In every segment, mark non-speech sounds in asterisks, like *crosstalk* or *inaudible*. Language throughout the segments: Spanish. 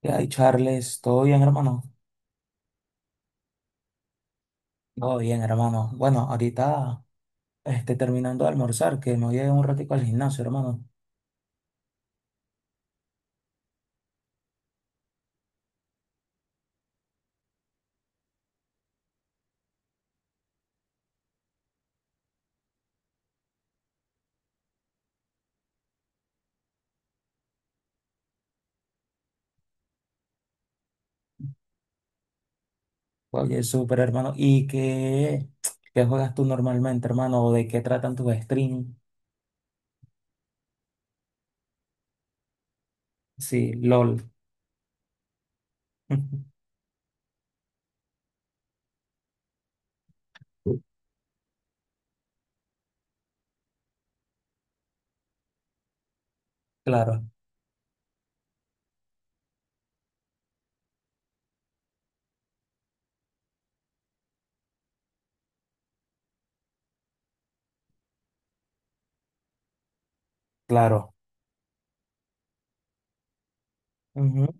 ¿Qué hay, Charles? ¿Todo bien, hermano? Todo bien, hermano. Bueno, ahorita terminando de almorzar, que me voy a ir un ratico al gimnasio, hermano. Oye, súper, hermano. ¿Y qué juegas tú normalmente, hermano? ¿O de qué tratan tus streams? Sí, LOL. *laughs* Claro, claro. Ujú.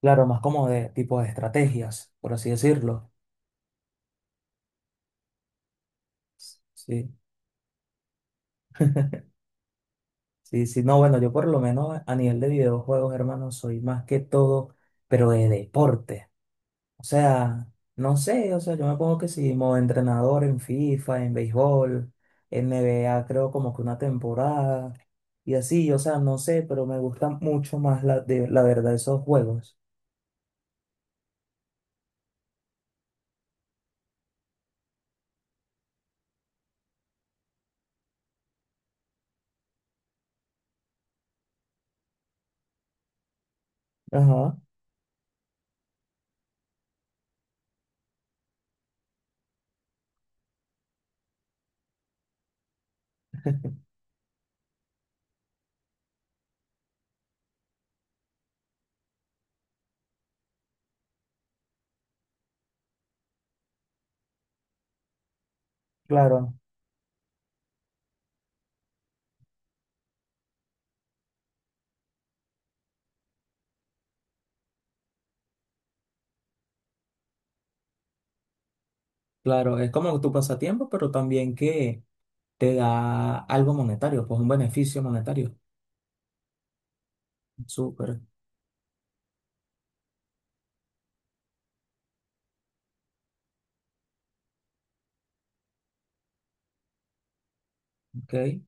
Claro, más como de tipo de estrategias, por así decirlo. Sí, sí, sí. No, bueno, yo por lo menos a nivel de videojuegos, hermano, soy más que todo, pero de deporte. O sea, no sé, o sea, yo me pongo que sí, modo entrenador en FIFA, en béisbol, en NBA, creo como que una temporada y así, o sea, no sé, pero me gusta mucho más la verdad esos juegos. Ajá, claro. Claro, es como tu pasatiempo, pero también que te da algo monetario, pues un beneficio monetario. Súper, ok.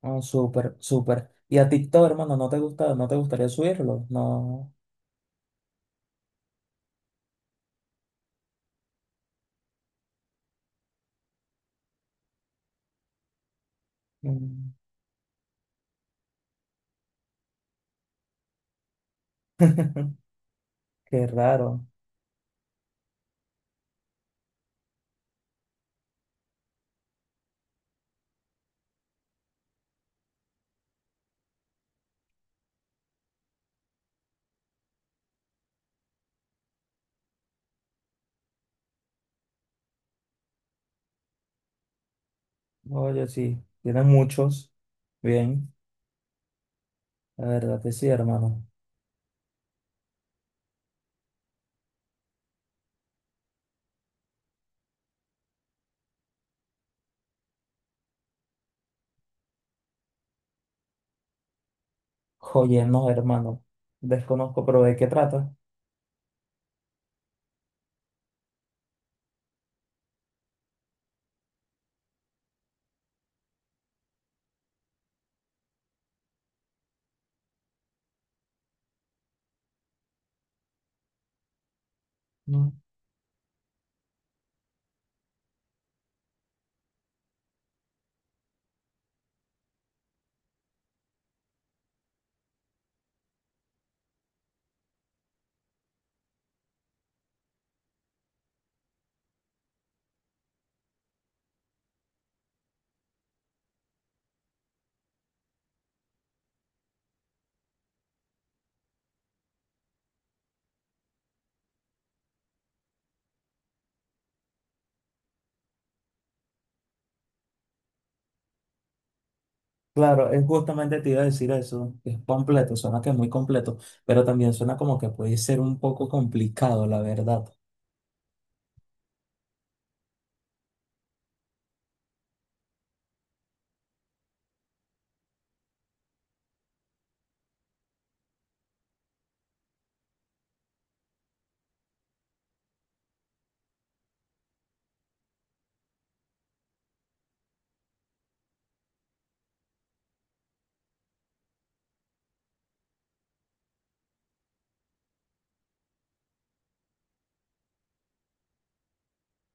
Oh, súper, súper. ¿Y a TikTok, hermano, no te gusta, no te gustaría subirlo? No. Mm. *laughs* Qué raro. Oye, sí, tiene muchos. Bien, la verdad que sí, hermano. Oye, no, hermano. Desconozco, pero ¿de qué trata? Mm. Claro, es justamente te iba a decir eso, que es completo, suena que es muy completo, pero también suena como que puede ser un poco complicado, la verdad.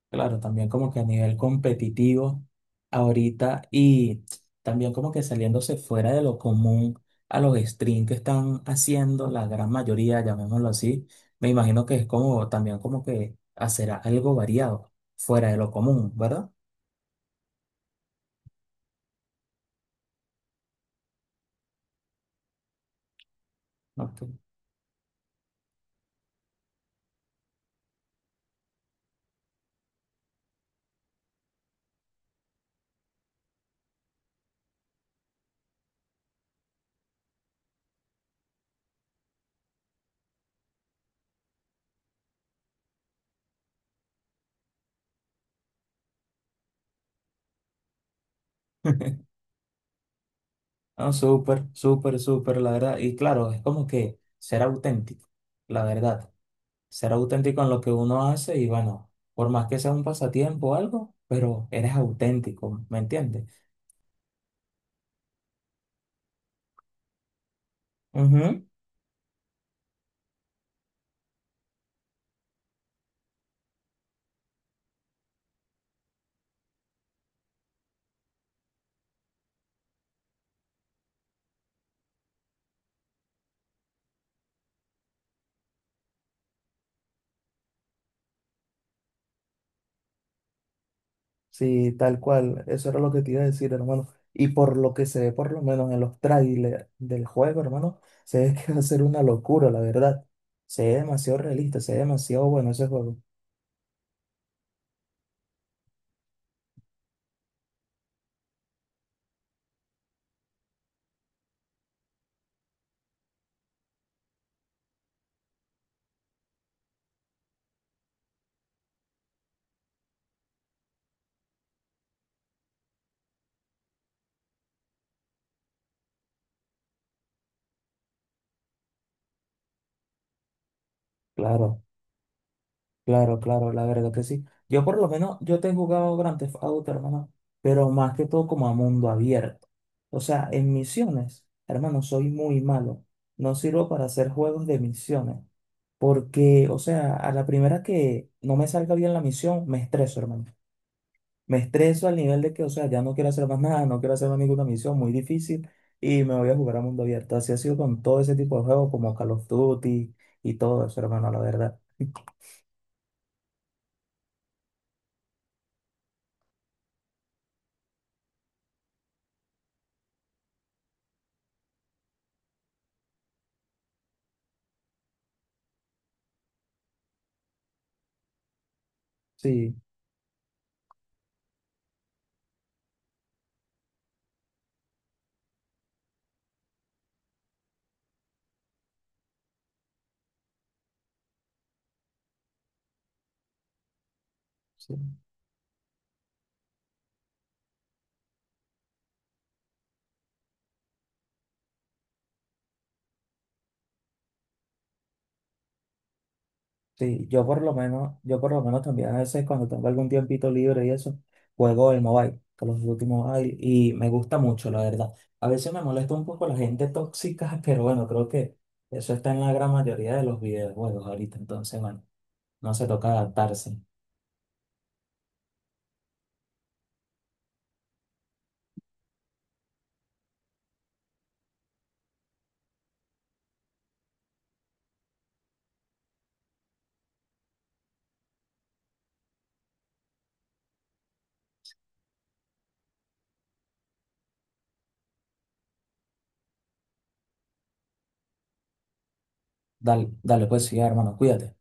Claro, también como que a nivel competitivo ahorita y también como que saliéndose fuera de lo común a los streams que están haciendo, la gran mayoría, llamémoslo así, me imagino que es como también como que hacer algo variado, fuera de lo común, ¿verdad? Ok. *laughs* No, súper, súper, súper, la verdad. Y claro, es como que ser auténtico, la verdad. Ser auténtico en lo que uno hace y bueno, por más que sea un pasatiempo o algo, pero eres auténtico, ¿me entiendes? Ujú. Sí, tal cual. Eso era lo que te iba a decir, hermano. Y por lo que se ve, por lo menos en los trailers del juego, hermano, se ve que va a ser una locura, la verdad. Se ve demasiado realista, se ve demasiado bueno ese juego. Claro, claro, claro, la verdad que sí. Yo por lo menos, yo te he jugado Grand Theft Auto, hermano, pero más que todo como a mundo abierto. O sea, en misiones, hermano, soy muy malo. No sirvo para hacer juegos de misiones. Porque, o sea, a la primera que no me salga bien la misión, me estreso, hermano. Me estreso al nivel de que, o sea, ya no quiero hacer más nada, no quiero hacer más ninguna misión muy difícil y me voy a jugar a mundo abierto. Así ha sido con todo ese tipo de juegos como Call of Duty y todo eso, hermano, la verdad. *laughs* Sí, sí. Sí, yo por lo menos, yo por lo menos también a veces cuando tengo algún tiempito libre y eso, juego el mobile, Call of Duty Mobile, y me gusta mucho, la verdad. A veces me molesta un poco la gente tóxica, *laughs* pero bueno, creo que eso está en la gran mayoría de los videojuegos ahorita, entonces bueno, no se toca adaptarse. Dale, dale pues sí, hermano, cuídate.